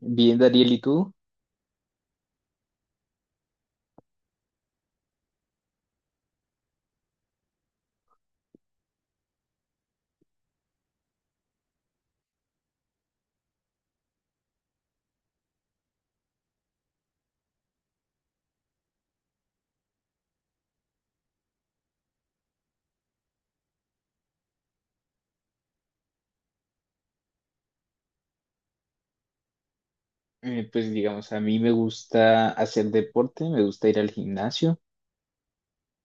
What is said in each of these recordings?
Bien, Dariel, ¿y tú? Pues digamos, a mí me gusta hacer deporte, me gusta ir al gimnasio,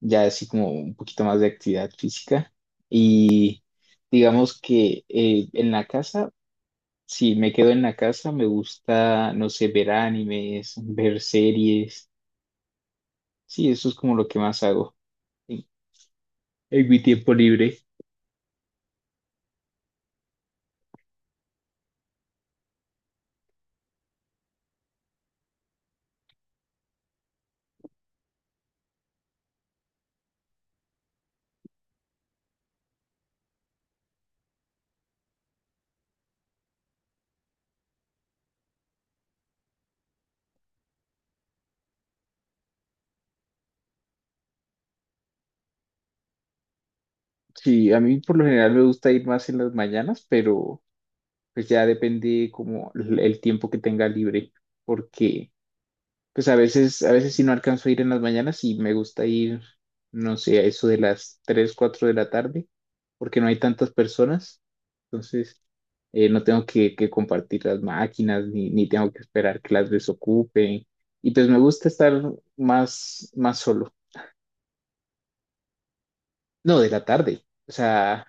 ya así como un poquito más de actividad física. Y digamos que en la casa, si me quedo en la casa, me gusta, no sé, ver animes, ver series. Sí, eso es como lo que más hago en, en mi tiempo libre. Sí, a mí por lo general me gusta ir más en las mañanas, pero pues ya depende como el tiempo que tenga libre, porque... Pues a veces sí no alcanzo a ir en las mañanas y me gusta ir, no sé, a eso de las 3 4 de la tarde, porque no hay tantas personas. Entonces, no tengo que compartir las máquinas, ni tengo que esperar que las desocupen. Y pues me gusta estar más solo. No, de la tarde. O sea,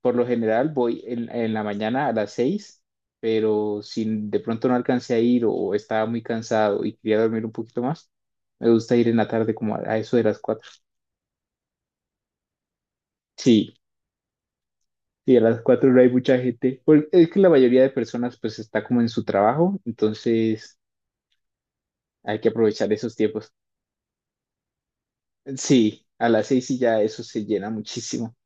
por lo general voy en la mañana a las seis, pero si de pronto no alcancé a ir o estaba muy cansado y quería dormir un poquito más, me gusta ir en la tarde como a eso de las cuatro. Sí, sí, a las cuatro no hay mucha gente. Porque es que la mayoría de personas pues está como en su trabajo, entonces hay que aprovechar esos tiempos. Sí, a las seis y ya eso se llena muchísimo.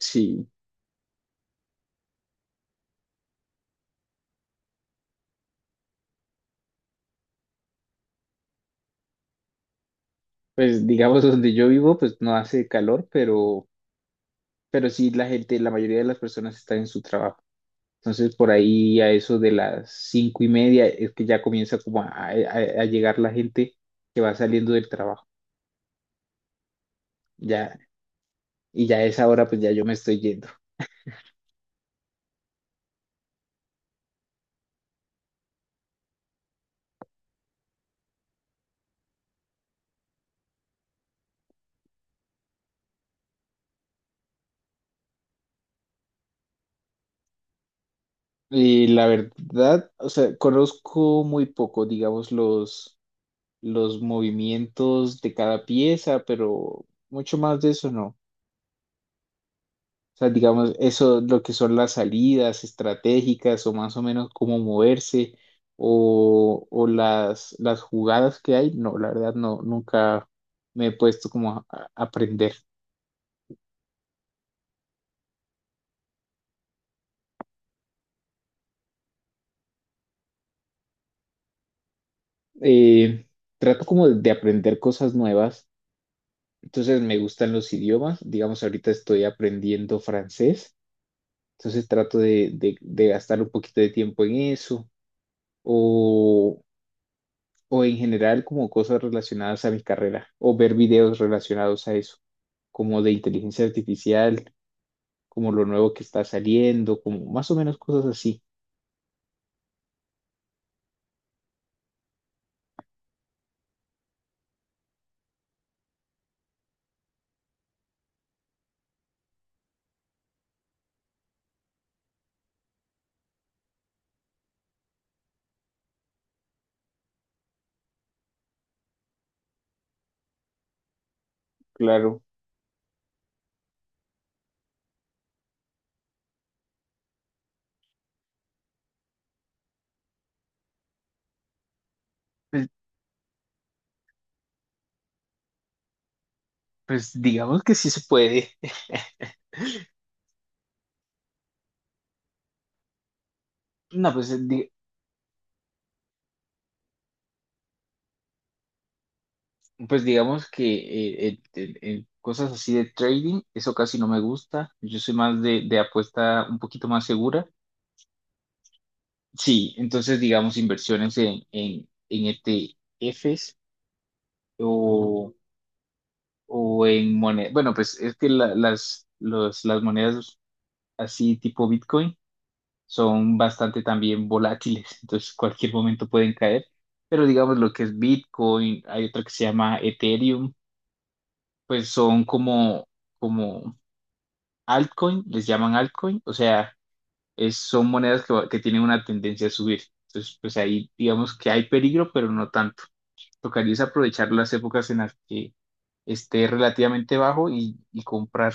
Sí, pues digamos donde yo vivo pues no hace calor, pero sí la gente, la mayoría de las personas está en su trabajo. Entonces, por ahí a eso de las cinco y media es que ya comienza como a llegar la gente que va saliendo del trabajo. Ya, y ya a esa hora, pues ya yo me estoy yendo. Y la verdad, o sea, conozco muy poco, digamos, los movimientos de cada pieza, pero mucho más de eso no. O sea, digamos, eso, lo que son las salidas estratégicas o más o menos cómo moverse o las jugadas que hay, no, la verdad no, nunca me he puesto como a aprender. Eh, Trato como de aprender cosas nuevas, entonces me gustan los idiomas, digamos, ahorita estoy aprendiendo francés, entonces trato de gastar un poquito de tiempo en eso o, o en general como cosas relacionadas a mi carrera o ver videos relacionados a eso, como de inteligencia artificial, como lo nuevo que está saliendo, como más o menos cosas así. Claro, pues, pues digamos que sí se puede. No, pues, di- Pues digamos que cosas así de trading, eso casi no me gusta. Yo soy más de apuesta un poquito más segura. Sí, entonces digamos inversiones en ETFs o, o en monedas. Bueno, pues es que las monedas así tipo Bitcoin son bastante también volátiles, entonces cualquier momento pueden caer, pero digamos lo que es Bitcoin, hay otra que se llama Ethereum, pues son como, como altcoin, les llaman altcoin, o sea, son monedas que tienen una tendencia a subir, entonces pues ahí digamos que hay peligro, pero no tanto. Tocaría es aprovechar las épocas en las que esté relativamente bajo y comprar.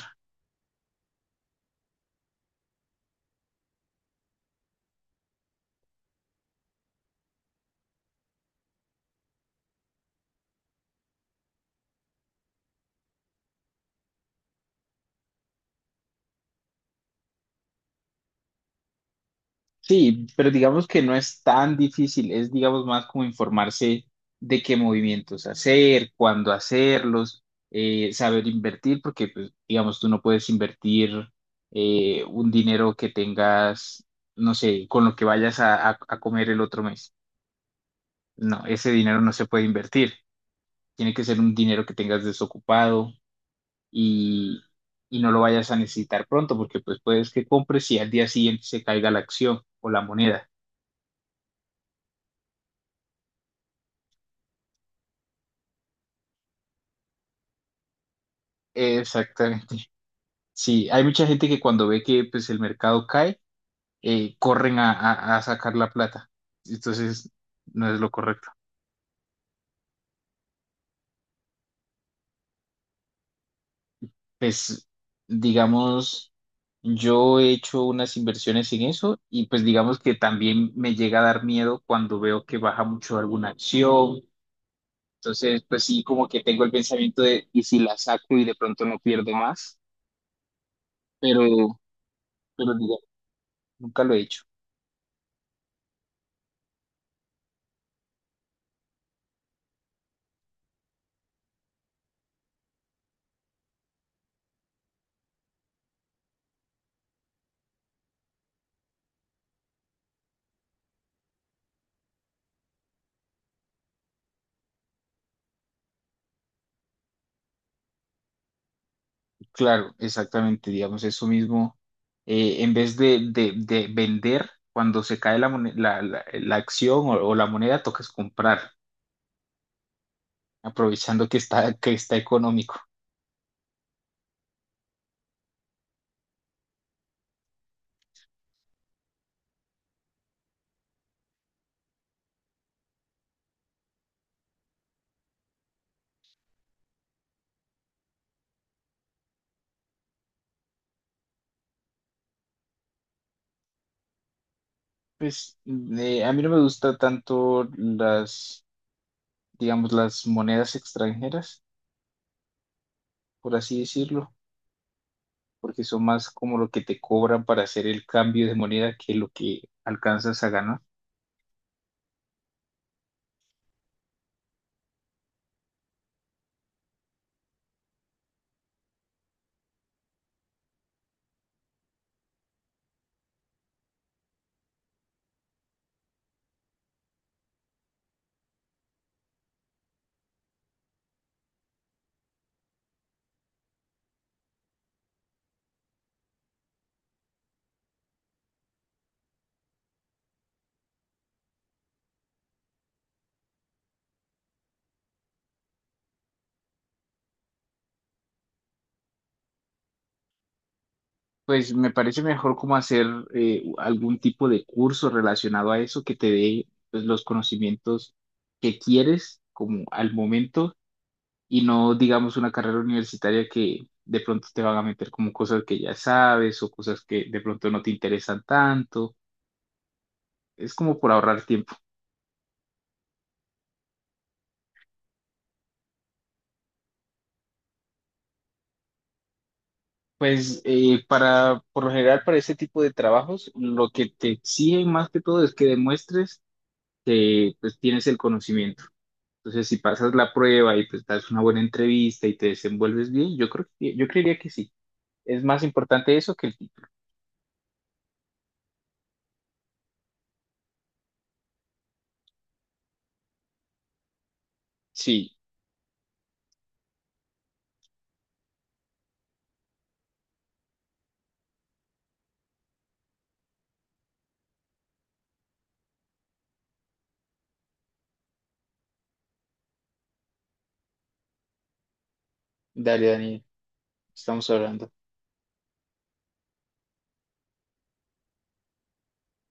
Sí, pero digamos que no es tan difícil, es digamos más como informarse de qué movimientos hacer, cuándo hacerlos, saber invertir, porque pues, digamos tú no puedes invertir un dinero que tengas, no sé, con lo que vayas a comer el otro mes. No, ese dinero no se puede invertir, tiene que ser un dinero que tengas desocupado y, y no lo vayas a necesitar pronto, porque pues puedes que compres y al día siguiente se caiga la acción o la moneda. Exactamente. Sí, hay mucha gente que cuando ve que pues el mercado cae, corren a sacar la plata. Entonces, no es lo correcto. Pues, digamos, yo he hecho unas inversiones en eso y pues digamos que también me llega a dar miedo cuando veo que baja mucho alguna acción. Entonces, pues sí, como que tengo el pensamiento de, ¿y si la saco y de pronto no pierdo más? Pero, pero digo, nunca lo he hecho. Claro, exactamente, digamos, eso mismo, en vez de vender, cuando se cae la acción o la moneda, tocas comprar, aprovechando que está económico. Pues a mí no me gusta tanto digamos, las monedas extranjeras, por así decirlo, porque son más como lo que te cobran para hacer el cambio de moneda que lo que alcanzas a ganar. Pues me parece mejor como hacer algún tipo de curso relacionado a eso que te dé pues, los conocimientos que quieres como al momento y no digamos una carrera universitaria que de pronto te van a meter como cosas que ya sabes o cosas que de pronto no te interesan tanto. Es como por ahorrar tiempo. Pues por lo general para ese tipo de trabajos lo que te exigen más que todo es que demuestres que pues, tienes el conocimiento. Entonces, si pasas la prueba y pues das una buena entrevista y te desenvuelves bien, yo creería que sí. Es más importante eso que el título. Sí, dale, Dani, estamos hablando.